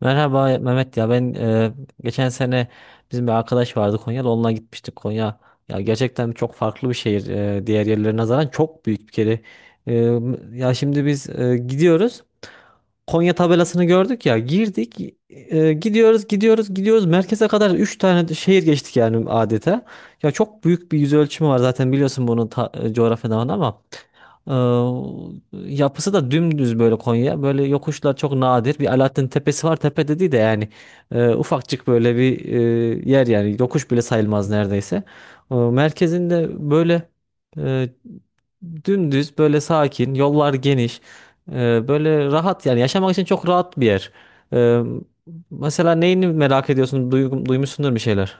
Merhaba Mehmet ya ben geçen sene bizim bir arkadaş vardı Konya'da onunla gitmiştik Konya. Ya gerçekten çok farklı bir şehir diğer yerlere nazaran çok büyük bir kere. E, Ya şimdi biz gidiyoruz. Konya tabelasını gördük ya girdik gidiyoruz gidiyoruz gidiyoruz merkeze kadar 3 tane de şehir geçtik yani adeta. Ya çok büyük bir yüz ölçümü var zaten biliyorsun bunu coğrafyadan ama. Ee, Yapısı da dümdüz böyle Konya. Böyle yokuşlar çok nadir. Bir Alaaddin Tepesi var. Tepe dediği de yani ufakçık böyle bir yer yani. Yokuş bile sayılmaz neredeyse. Merkezinde böyle e, dümdüz böyle sakin. Yollar geniş. Böyle rahat yani. Yaşamak için çok rahat bir yer. Ee, Mesela neyini merak ediyorsun? Duymuşsundur bir şeyler.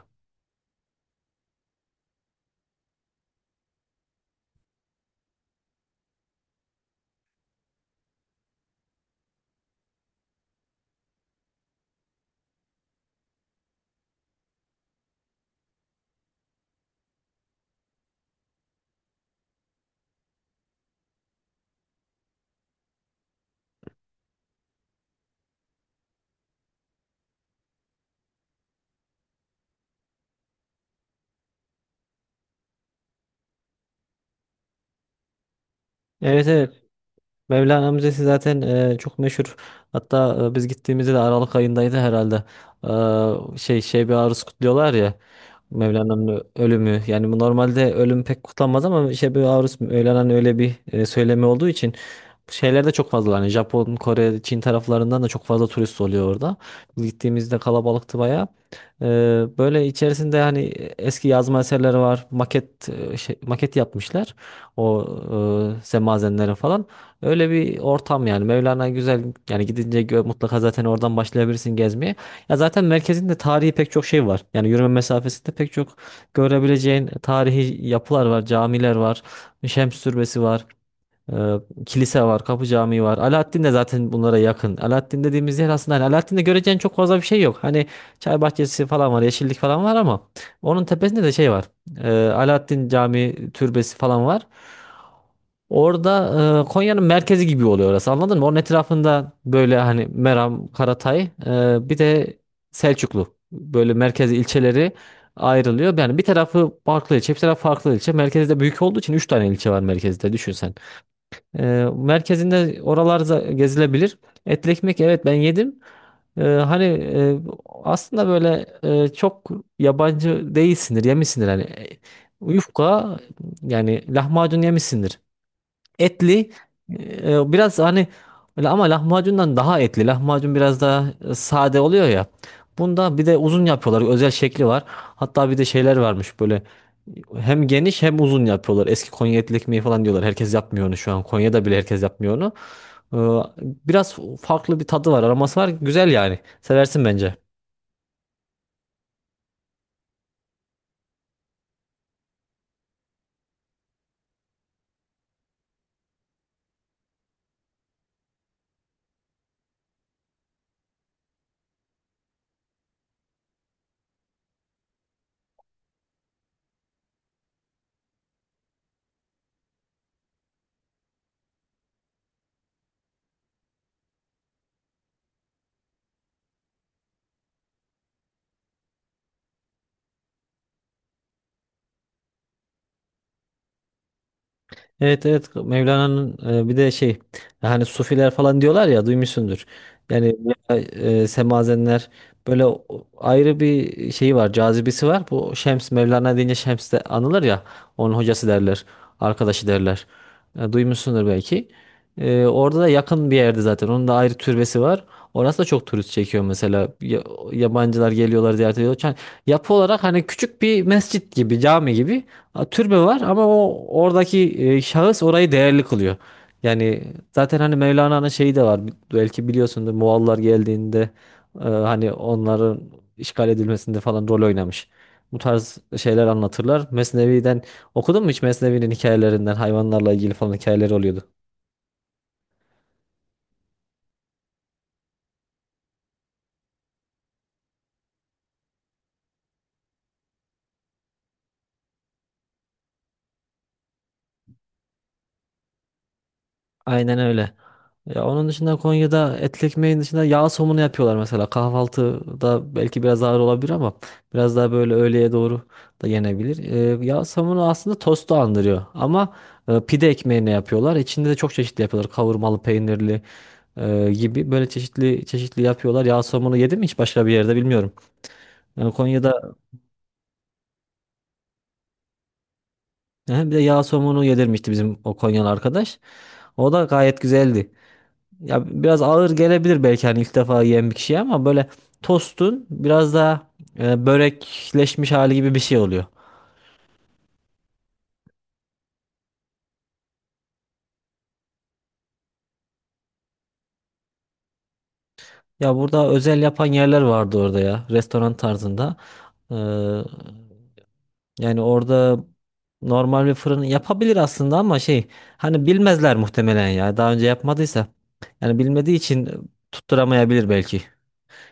Evet evet. Mevlana Müzesi zaten çok meşhur. Hatta biz gittiğimizde de Aralık ayındaydı herhalde. Şey bir aruz kutluyorlar ya. Mevlana'nın ölümü. Yani bu normalde ölüm pek kutlanmaz ama şey bir aruz Mevlana'nın öyle bir söylemi olduğu için bu şeyler de çok fazla. Hani Japon, Kore, Çin taraflarından da çok fazla turist oluyor orada. Biz gittiğimizde kalabalıktı bayağı. E, Böyle içerisinde hani eski yazma eserleri var. Maket yapmışlar. O semazenlerin falan. Öyle bir ortam yani. Mevlana güzel yani gidince mutlaka zaten oradan başlayabilirsin gezmeye. Ya zaten merkezinde tarihi pek çok şey var. Yani yürüme mesafesinde pek çok görebileceğin tarihi yapılar var, camiler var, Şems Türbesi var, e, kilise var, Kapı Camii var. Alaaddin de zaten bunlara yakın. Alaaddin dediğimiz yer aslında hani Alaaddin'de göreceğin çok fazla bir şey yok. Hani çay bahçesi falan var, yeşillik falan var ama onun tepesinde de şey var. Alaaddin Camii türbesi falan var. Orada Konya'nın merkezi gibi oluyor orası anladın mı? Onun etrafında böyle hani Meram, Karatay bir de Selçuklu böyle merkezi ilçeleri ayrılıyor. Yani bir tarafı farklı ilçe bir tarafı farklı ilçe. Merkezi de büyük olduğu için 3 tane ilçe var merkezde düşün sen. E, Merkezinde oralar gezilebilir. Etli ekmek evet ben yedim. Hani aslında böyle çok yabancı değilsindir yemişsindir hani yufka yani lahmacun yemişsindir. Etli biraz hani öyle ama lahmacundan daha etli. Lahmacun biraz daha sade oluyor ya. Bunda bir de uzun yapıyorlar. Özel şekli var. Hatta bir de şeyler varmış böyle hem geniş hem uzun yapıyorlar. Eski Konya etli ekmeği falan diyorlar. Herkes yapmıyor onu şu an. Konya'da bile herkes yapmıyor onu. Ee, Biraz farklı bir tadı var, aroması var. Güzel yani. Seversin bence. Evet evet Mevlana'nın bir de şey hani sufiler falan diyorlar ya duymuşsundur. Yani semazenler böyle ayrı bir şeyi var cazibesi var. Bu Şems Mevlana deyince Şems de anılır ya onun hocası derler arkadaşı derler. Duymuşsundur belki. Orada da yakın bir yerde zaten onun da ayrı türbesi var. Orası da çok turist çekiyor mesela. Yabancılar geliyorlar ziyaret ediyorlar. Yani yapı olarak hani küçük bir mescit gibi cami gibi. Türbe var ama o oradaki şahıs orayı değerli kılıyor. Yani zaten hani Mevlana'nın şeyi de var. Belki biliyorsundur Moğollar geldiğinde hani onların işgal edilmesinde falan rol oynamış. Bu tarz şeyler anlatırlar. Mesnevi'den okudun mu hiç Mesnevi'nin hikayelerinden hayvanlarla ilgili falan hikayeleri oluyordu. Aynen öyle. Ya onun dışında Konya'da etli ekmeğin dışında yağ somunu yapıyorlar mesela. Kahvaltıda belki biraz ağır olabilir ama biraz daha böyle öğleye doğru da yenebilir. Yağ somunu aslında tostu andırıyor ama pide ekmeğini yapıyorlar. İçinde de çok çeşitli yapıyorlar. Kavurmalı, peynirli gibi böyle çeşitli çeşitli yapıyorlar. Yağ somunu yedim mi hiç başka bir yerde bilmiyorum. Yani Konya'da. Hı, bir de yağ somunu yedirmişti bizim o Konyalı arkadaş. O da gayet güzeldi. Ya biraz ağır gelebilir belki hani ilk defa yiyen bir kişiye ama böyle tostun biraz daha börekleşmiş hali gibi bir şey oluyor. Ya burada özel yapan yerler vardı orada ya restoran tarzında. Ee, Yani orada normal bir fırın yapabilir aslında ama şey hani bilmezler muhtemelen ya daha önce yapmadıysa. Yani bilmediği için tutturamayabilir belki.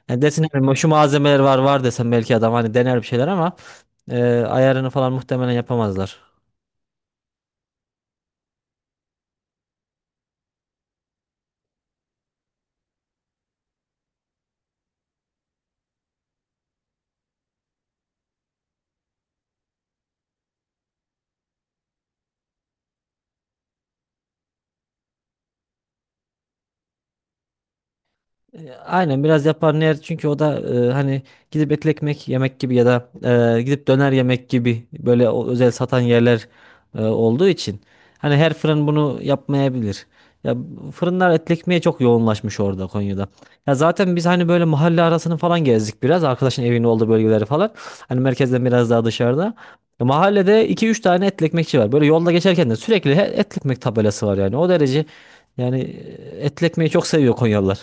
Yani desin hani şu malzemeler var desem belki adam hani dener bir şeyler ama ayarını falan muhtemelen yapamazlar. Aynen biraz yapar yaparlar çünkü o da hani gidip etli ekmek yemek gibi ya da gidip döner yemek gibi böyle özel satan yerler olduğu için hani her fırın bunu yapmayabilir. Ya fırınlar etli ekmeğe çok yoğunlaşmış orada Konya'da. Ya zaten biz hani böyle mahalle arasını falan gezdik biraz arkadaşın evinin olduğu bölgeleri falan. Hani merkezden biraz daha dışarıda. Ya Mahallede iki üç tane etli ekmekçi var. Böyle yolda geçerken de sürekli etli ekmek tabelası var yani. O derece yani etli ekmeği çok seviyor Konyalılar.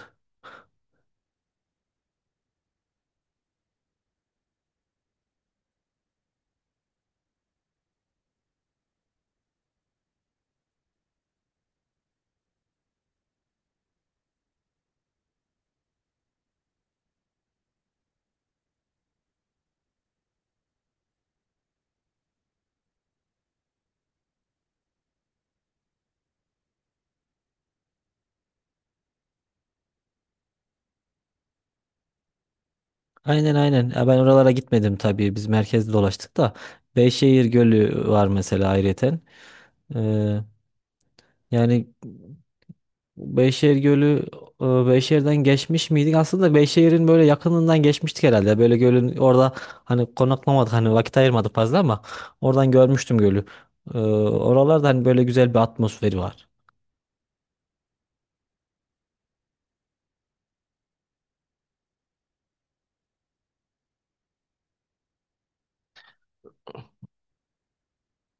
Aynen aynen. Ya ben oralara gitmedim tabii. Biz merkezde dolaştık da. Beyşehir Gölü var mesela ayrıyeten. Ee, Yani Beyşehir Gölü Beyşehir'den geçmiş miydik? Aslında Beyşehir'in böyle yakınından geçmiştik herhalde. Böyle gölün orada hani konaklamadık hani vakit ayırmadık fazla ama oradan görmüştüm gölü. Oralarda hani böyle güzel bir atmosferi var.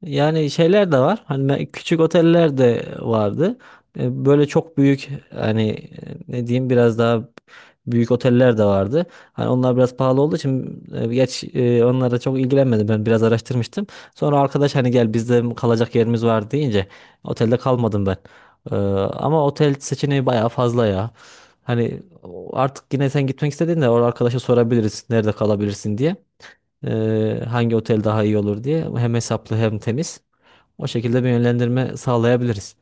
Yani şeyler de var. Hani küçük oteller de vardı. Böyle çok büyük hani ne diyeyim biraz daha büyük oteller de vardı. Hani onlar biraz pahalı olduğu için onlara çok ilgilenmedim. Ben biraz araştırmıştım. Sonra arkadaş hani gel bizde kalacak yerimiz var deyince otelde kalmadım ben. Ama otel seçeneği bayağı fazla ya. Hani artık yine sen gitmek istediğinde orada arkadaşa sorabiliriz nerede kalabilirsin diye. Hangi otel daha iyi olur diye. Hem hesaplı hem temiz. O şekilde bir yönlendirme sağlayabiliriz.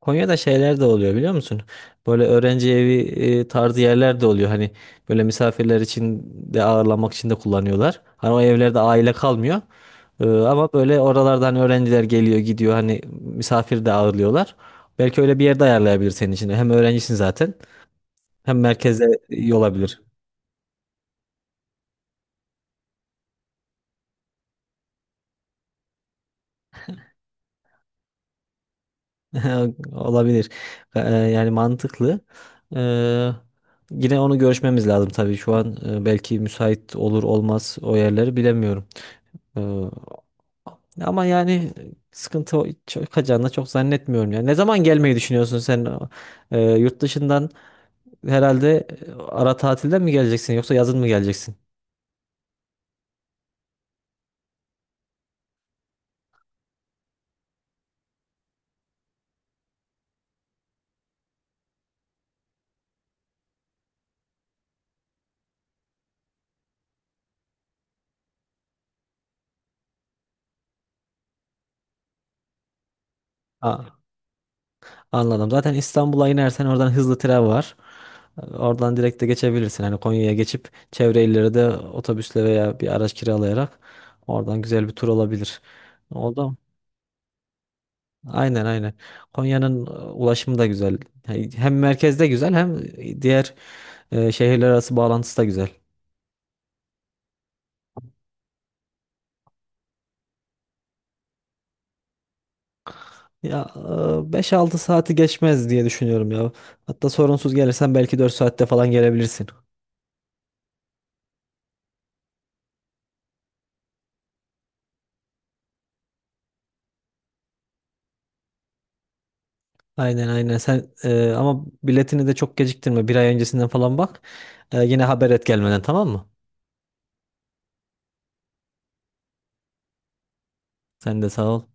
Konya'da şeyler de oluyor biliyor musun? Böyle öğrenci evi tarzı yerler de oluyor. Hani böyle misafirler için de ağırlamak için de kullanıyorlar. Hani o evlerde aile kalmıyor. Ama böyle oralardan öğrenciler geliyor gidiyor. Hani misafir de ağırlıyorlar. Belki öyle bir yerde ayarlayabilir senin için. Hem öğrencisin zaten hem merkeze iyi olabilir. Olabilir. Yani mantıklı. Ee, Yine onu görüşmemiz lazım tabii. Şu an belki müsait olur olmaz o yerleri bilemiyorum. Ee, Ama yani sıkıntı çıkacağını çok zannetmiyorum. Yani ne zaman gelmeyi düşünüyorsun sen? Yurt dışından herhalde ara tatilden mi geleceksin yoksa yazın mı geleceksin? Anladım. Zaten İstanbul'a inersen oradan hızlı tren var. Oradan direkt de geçebilirsin. Hani Konya'ya geçip çevre illere de otobüsle veya bir araç kiralayarak oradan güzel bir tur olabilir. Oldu mu? Aynen aynen. Konya'nın ulaşımı da güzel. Yani hem merkezde güzel hem diğer şehirler arası bağlantısı da güzel. Ya 5-6 saati geçmez diye düşünüyorum ya. Hatta sorunsuz gelirsen belki 4 saatte falan gelebilirsin. Aynen aynen sen ama biletini de çok geciktirme bir ay öncesinden falan bak. Yine haber et gelmeden tamam mı? Sen de sağ ol.